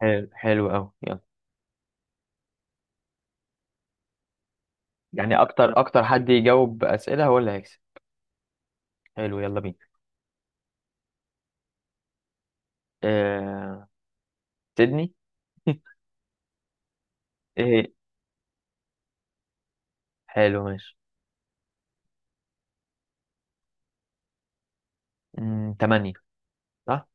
حلو، حلو قوي، يلا. يعني اكتر اكتر حد يجاوب اسئله هو اللي هيكسب. حلو، يلا بينا. آه... سيدني. ايه. حلو، ماشي. تمانية. صح.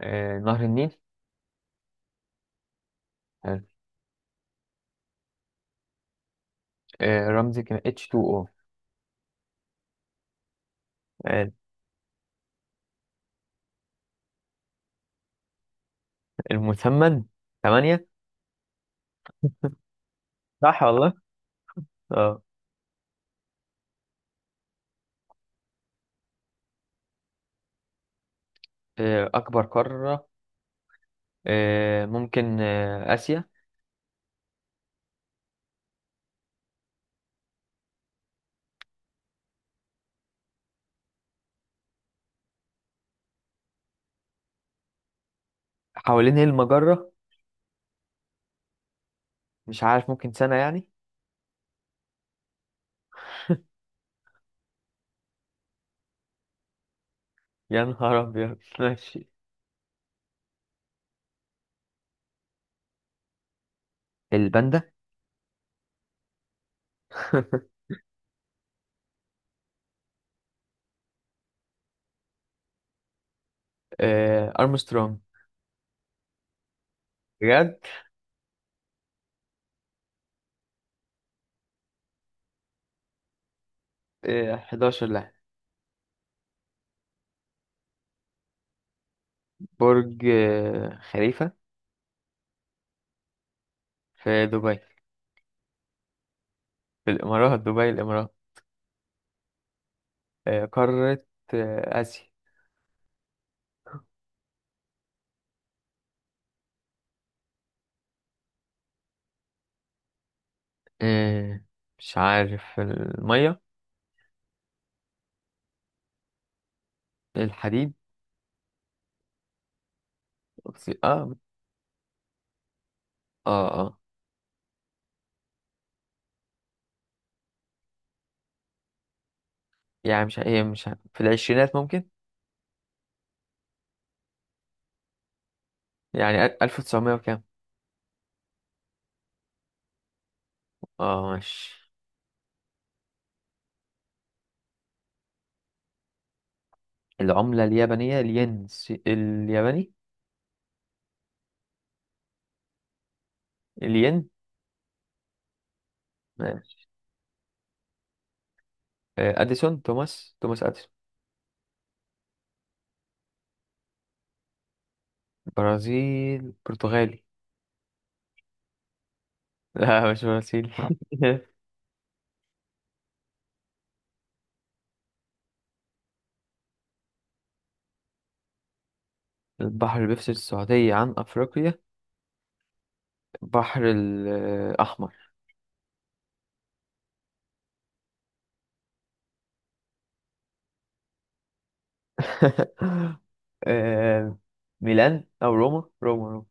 نهر النيل. حلو. رمزي كان H2O. حلو. المثمن، تمانية. صح والله. اه. اكبر قاره، ممكن، اسيا. حوالين ايه المجره؟ مش عارف، ممكن سنه يعني. يا نهار ابيض، ماشي. الباندا. ارمسترونج. بجد؟ 11 لاعب. برج خليفة. في دبي. في الإمارات، دبي، الإمارات. قارة، آسيا. آه، مش عارف، المية. الحديد. اه. اه، اه. يعني مش هي مش ه- في العشرينات ممكن. يعني 1900 وكام. اه، ماشي. العملة اليابانية، الين الياباني. الين. ماشي. أديسون، توماس أديسون. برازيل، برتغالي. لا، مش برازيل. البحر اللي بيفصل السعودية عن أفريقيا، البحر الأحمر. آه، ميلان أو روما، روما، روما.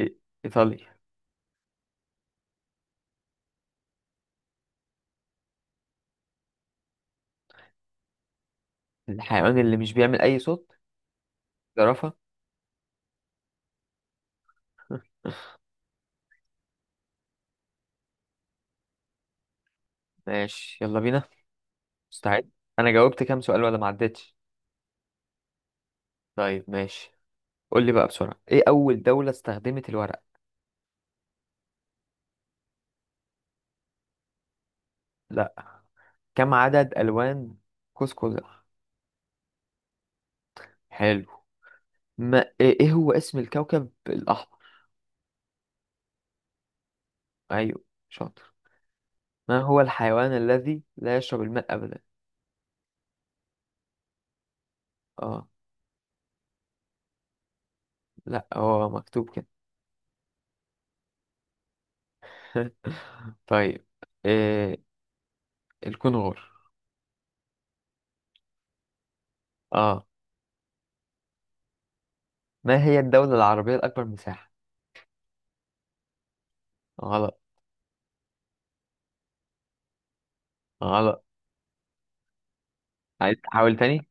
إي- إيطاليا. الحيوان اللي مش بيعمل أي صوت، زرافة. ماشي، يلا بينا. مستعد. أنا جاوبت كام سؤال ولا ما عدتش؟ طيب ماشي. قول لي بقى بسرعة، إيه أول دولة استخدمت الورق؟ لا. كم عدد ألوان قوس قزح؟ حلو. ما إيه إيه هو اسم الكوكب الأحمر؟ أيوه، شاطر. ما هو الحيوان الذي لا يشرب الماء أبدا؟ اه. لا، هو مكتوب كده. طيب. إيه. الكونغور. اه. ما هي الدولة العربية الأكبر مساحة؟ غلط. غلط. عايز تحاول تاني؟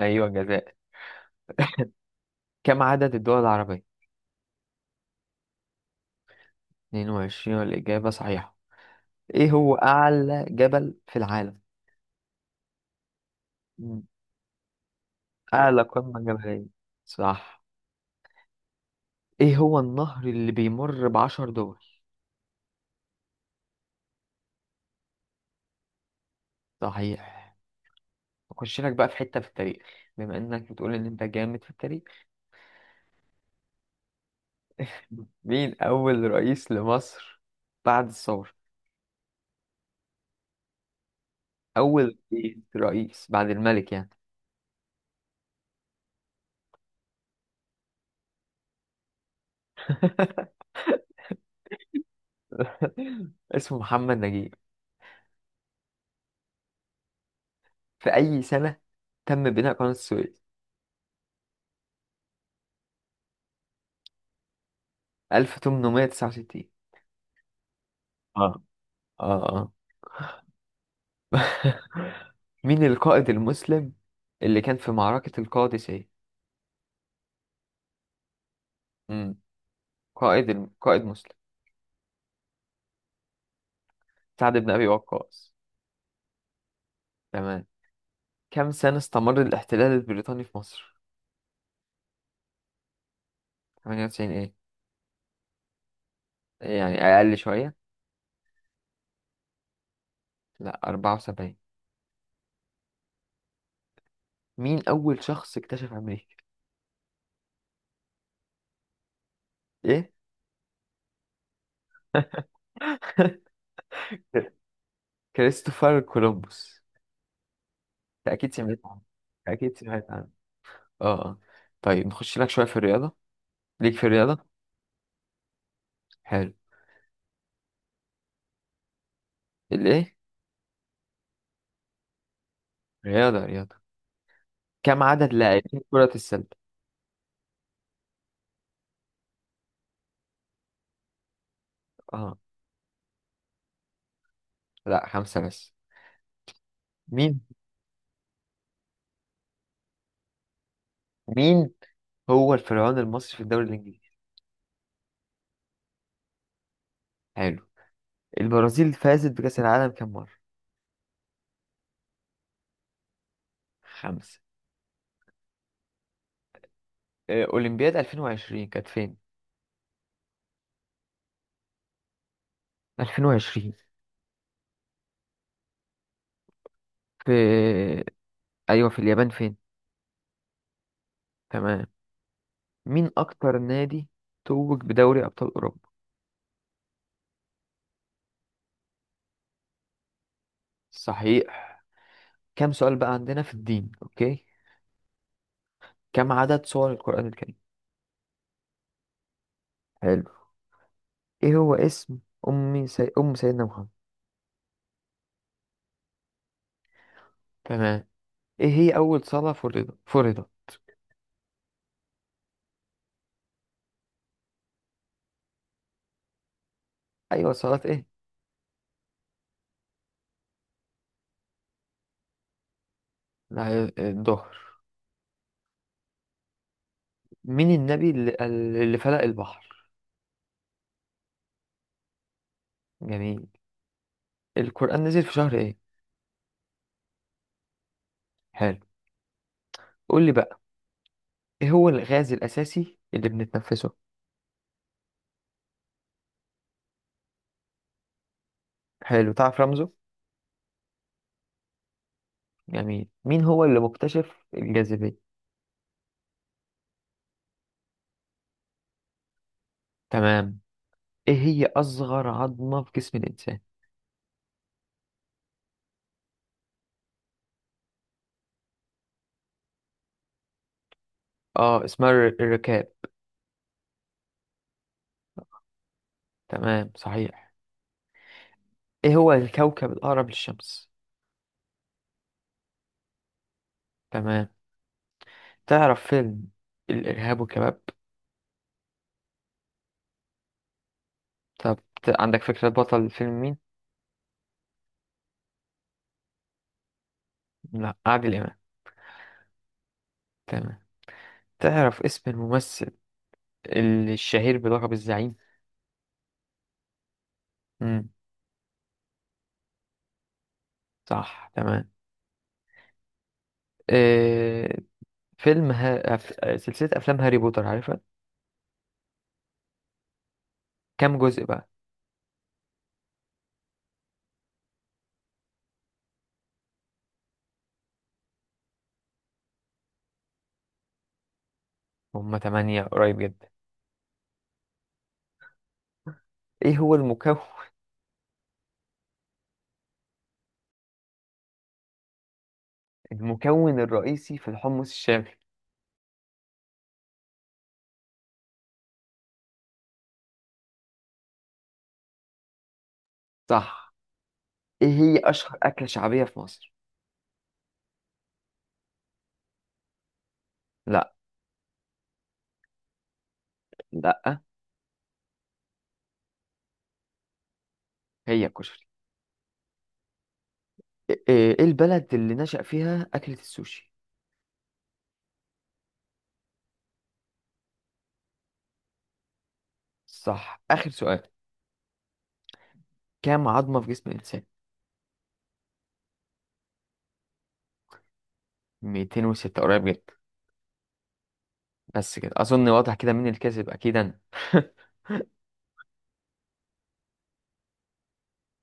أيوة، الجزائر. كم عدد الدول العربية؟ 22، والإجابة صحيحة. إيه هو أعلى جبل في العالم؟ مم. أعلى قمة جبلية. صح. إيه هو النهر اللي بيمر بعشر دول؟ صحيح. أخش لك بقى في حتة في التاريخ، بما إنك بتقول إن أنت جامد في التاريخ. مين أول رئيس لمصر بعد الثورة؟ أول رئيس بعد الملك يعني. اسمه محمد نجيب. في أي سنة تم بناء قناة السويس؟ 1869. اه، اه، اه. مين القائد المسلم اللي كان في معركة القادسية؟ امم قائد مسلم، سعد بن أبي وقاص. تمام. كم سنة استمر الاحتلال البريطاني في مصر؟ 98. ايه؟ يعني أقل شوية؟ لا، 74. مين أول شخص اكتشف أمريكا؟ إيه؟ كريستوفر كولومبوس. أنت أكيد سمعت عنه، أكيد سمعت عنه. أه، آه. طيب، نخش لك شوية في الرياضة، ليك في الرياضة. حلو. الإيه؟ رياضة، رياضة. كم عدد لاعبين كرة السلة؟ أه. لا، خمسة بس. مين مين هو الفرعون المصري في الدوري الإنجليزي؟ حلو. البرازيل فازت بكأس العالم كم مرة؟ خمسة. أولمبياد 2020 كانت فين؟ 2020 في. أيوه، في اليابان فين؟ تمام. مين أكتر نادي توج بدوري أبطال أوروبا؟ صحيح. كم سؤال بقى عندنا في الدين، أوكي. كم عدد سور القرآن الكريم؟ حلو. إيه هو اسم أم سيدنا محمد؟ تمام. إيه هي أول صلاة فرضت؟ أيوة، صلاة إيه؟ لا، الظهر. مين النبي اللي فلق البحر؟ جميل. القرآن نزل في شهر إيه؟ حلو. قول لي بقى، إيه هو الغاز الأساسي اللي بنتنفسه؟ حلو، تعرف رمزه؟ جميل، مين هو اللي مكتشف الجاذبية؟ تمام. ايه هي اصغر عظمة في جسم الانسان؟ اه، اسمها الركاب. تمام، صحيح. ايه هو الكوكب الاقرب للشمس؟ تمام. تعرف فيلم الارهاب والكباب؟ طب، عندك فكرة بطل الفيلم مين؟ لا، عادل امام. تمام. تعرف اسم الممثل الشهير بلقب الزعيم؟ امم صح، تمام. إيه فيلم سلسلة افلام هاري بوتر، عارفها؟ كام جزء بقى؟ هما تمانية، قريب جدا. ايه هو المكون الرئيسي في الحمص الشامي؟ صح. ايه هي اشهر اكلة شعبية في مصر؟ لا. لا. هي الكشري. إيه البلد اللي نشأ فيها اكلة السوشي؟ صح، اخر سؤال. كام عظمة في جسم الانسان؟ 206، قريب جدا. بس كده اظن واضح كده مين الكذب، اكيد انا.